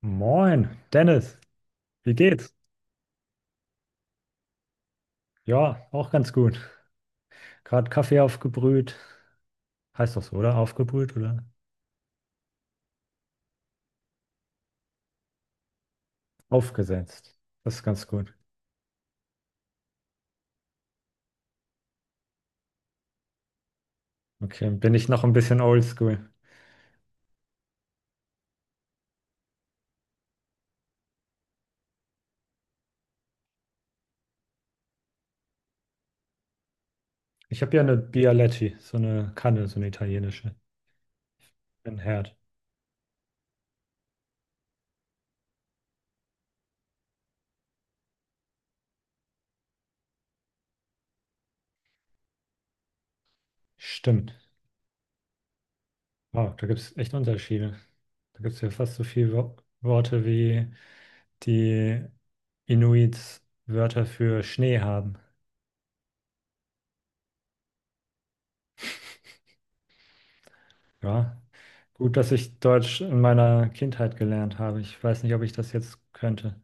Moin, Dennis, wie geht's? Ja, auch ganz gut. Gerade Kaffee aufgebrüht. Heißt doch so, oder? Aufgebrüht oder? Aufgesetzt. Das ist ganz gut. Okay, bin ich noch ein bisschen oldschool. Ich habe ja eine Bialetti, so eine Kanne, so eine italienische. Ein Herd. Stimmt. Wow, da gibt es echt Unterschiede. Da gibt es ja fast so viele Wo Worte, wie die Inuits Wörter für Schnee haben. Ja, gut, dass ich Deutsch in meiner Kindheit gelernt habe. Ich weiß nicht, ob ich das jetzt könnte.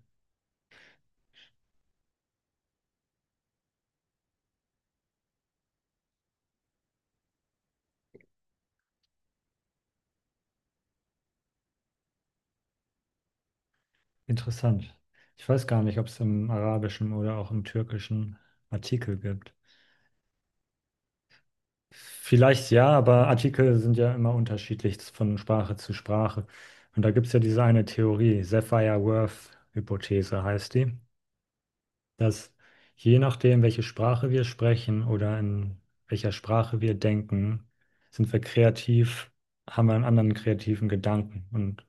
Interessant. Ich weiß gar nicht, ob es im Arabischen oder auch im Türkischen Artikel gibt. Vielleicht ja, aber Artikel sind ja immer unterschiedlich von Sprache zu Sprache. Und da gibt es ja diese eine Theorie, Sapir-Whorf-Hypothese heißt die, dass je nachdem, welche Sprache wir sprechen oder in welcher Sprache wir denken, sind wir kreativ, haben wir einen anderen kreativen Gedanken. Und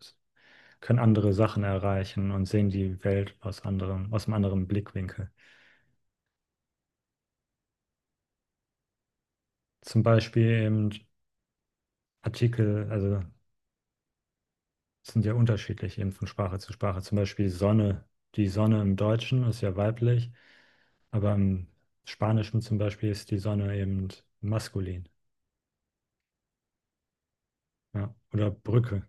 können andere Sachen erreichen und sehen die Welt aus anderem, aus einem anderen Blickwinkel. Zum Beispiel eben Artikel, also sind ja unterschiedlich eben von Sprache zu Sprache. Zum Beispiel Sonne, die Sonne im Deutschen ist ja weiblich, aber im Spanischen zum Beispiel ist die Sonne eben maskulin. Ja. Oder Brücke.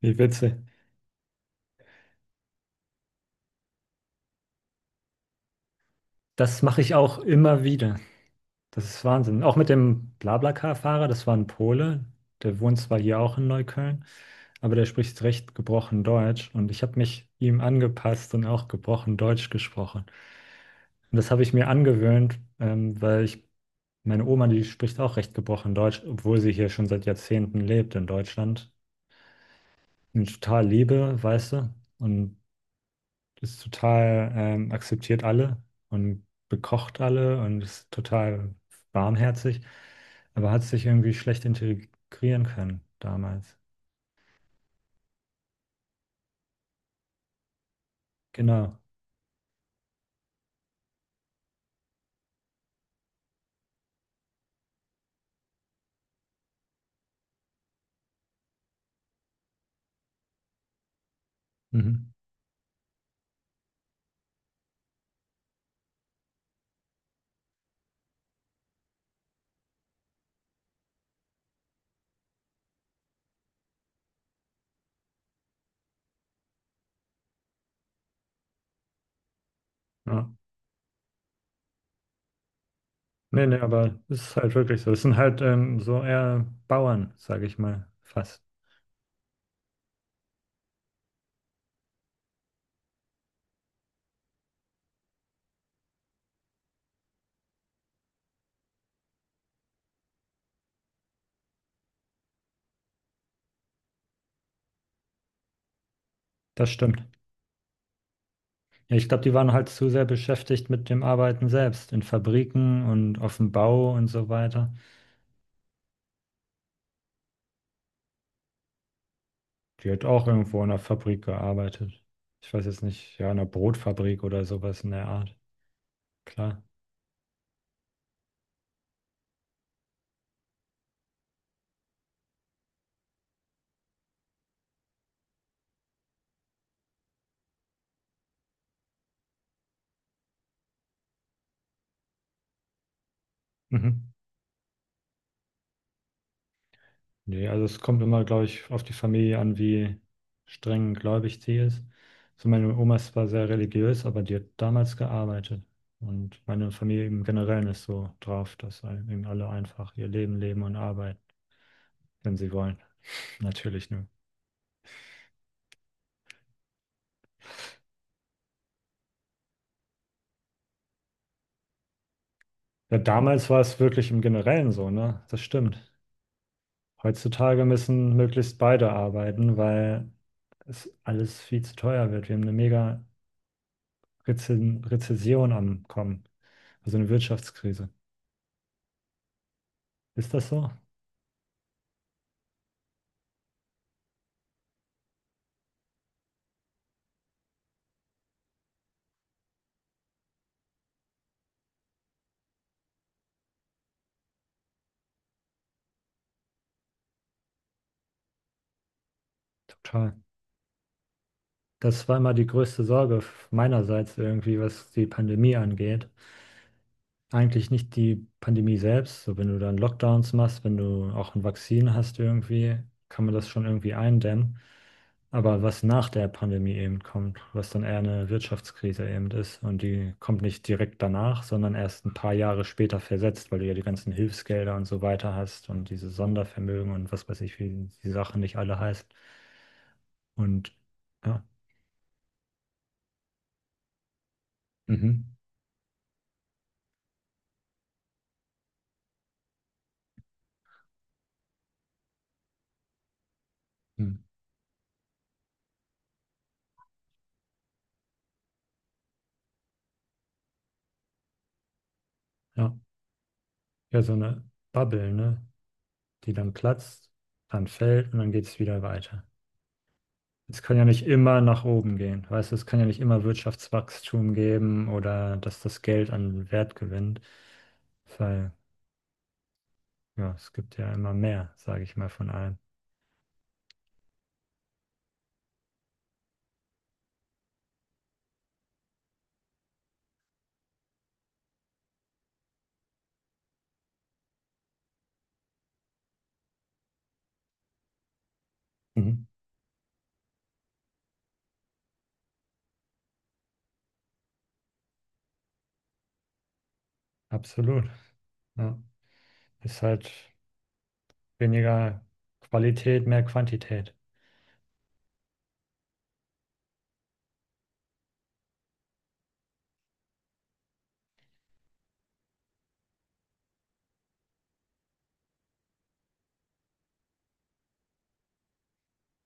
Wie witzig. Das mache ich auch immer wieder. Das ist Wahnsinn. Auch mit dem BlaBlaCar-Fahrer, das war ein Pole, der wohnt zwar hier auch in Neukölln, aber der spricht recht gebrochen Deutsch und ich habe mich ihm angepasst und auch gebrochen Deutsch gesprochen. Und das habe ich mir angewöhnt, weil ich, meine Oma, die spricht auch recht gebrochen Deutsch, obwohl sie hier schon seit Jahrzehnten lebt in Deutschland. Und ich total liebe, weißt du, und ist total akzeptiert alle und bekocht alle und ist total warmherzig, aber hat sich irgendwie schlecht integrieren können damals. Genau. Mhm. Ja. Nee, nee, aber es ist halt wirklich so. Es sind halt so eher Bauern, sage ich mal, fast. Das stimmt. Ja, ich glaube, die waren halt zu sehr beschäftigt mit dem Arbeiten selbst, in Fabriken und auf dem Bau und so weiter. Die hat auch irgendwo in einer Fabrik gearbeitet. Ich weiß jetzt nicht, ja, in einer Brotfabrik oder sowas in der Art. Klar. Mhm. Nee, also es kommt immer, glaube ich, auf die Familie an, wie streng gläubig sie ist. So meine Oma ist zwar sehr religiös, aber die hat damals gearbeitet. Und meine Familie im Generellen ist so drauf, dass halt eben alle einfach ihr Leben leben und arbeiten, wenn sie wollen. Natürlich nur. Ja, damals war es wirklich im Generellen so, ne? Das stimmt. Heutzutage müssen möglichst beide arbeiten, weil es alles viel zu teuer wird. Wir haben eine mega Reze Rezession am Kommen, also eine Wirtschaftskrise. Ist das so? Total. Das war immer die größte Sorge meinerseits irgendwie, was die Pandemie angeht. Eigentlich nicht die Pandemie selbst. So, wenn du dann Lockdowns machst, wenn du auch ein Vakzin hast irgendwie, kann man das schon irgendwie eindämmen. Aber was nach der Pandemie eben kommt, was dann eher eine Wirtschaftskrise eben ist. Und die kommt nicht direkt danach, sondern erst ein paar Jahre später versetzt, weil du ja die ganzen Hilfsgelder und so weiter hast und diese Sondervermögen und was weiß ich, wie die Sachen nicht alle heißt. Und ja. Mhm. Mhm. Ja. Ja, so eine Bubble, ne? Die dann platzt, dann fällt und dann geht es wieder weiter. Es kann ja nicht immer nach oben gehen. Weißt du, es kann ja nicht immer Wirtschaftswachstum geben oder dass das Geld an Wert gewinnt. Weil, ja, es gibt ja immer mehr, sage ich mal, von allem. Mhm. Absolut. Ja. Ist halt weniger Qualität, mehr Quantität.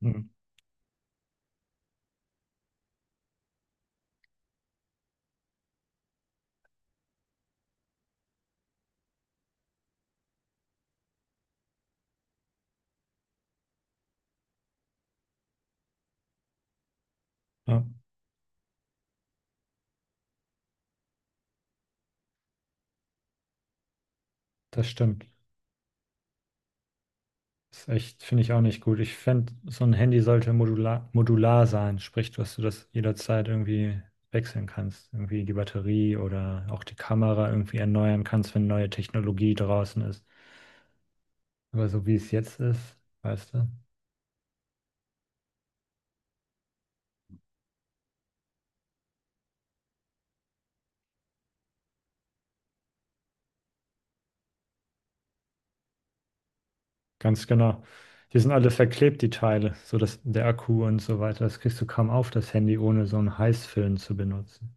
Mhm. Ja, das stimmt. Ist echt, finde ich auch nicht gut. Ich fände, so ein Handy sollte modular sein, sprich, dass du das jederzeit irgendwie wechseln kannst. Irgendwie die Batterie oder auch die Kamera irgendwie erneuern kannst, wenn neue Technologie draußen ist. Aber so wie es jetzt ist, weißt du? Ganz genau. Die sind alle verklebt, die Teile, so dass der Akku und so weiter. Das kriegst du kaum auf, das Handy, ohne so einen Heißfilm zu benutzen.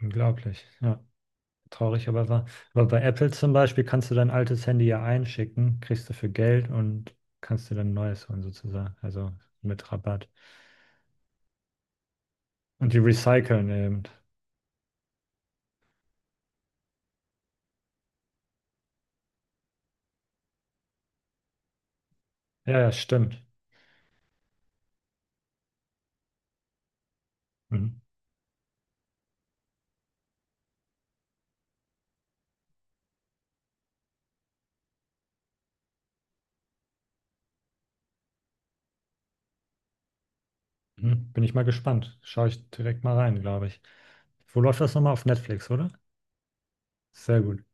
Unglaublich, ja. Traurig aber wahr. Aber bei Apple zum Beispiel kannst du dein altes Handy ja einschicken, kriegst dafür Geld und kannst dir dann ein neues holen sozusagen. Also mit Rabatt. Und die recyceln eben. Ja, ja, stimmt. Mhm. Mhm. Bin ich mal gespannt. Schaue ich direkt mal rein, glaube ich. Wo läuft das nochmal? Auf Netflix, oder? Sehr gut.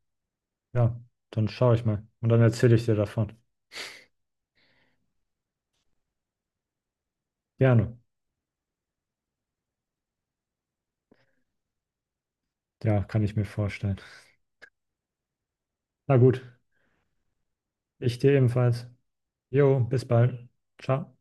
Ja, dann schaue ich mal. Und dann erzähle ich dir davon. Gerne. Ja, kann ich mir vorstellen. Na gut, ich dir ebenfalls. Jo, bis bald. Ciao.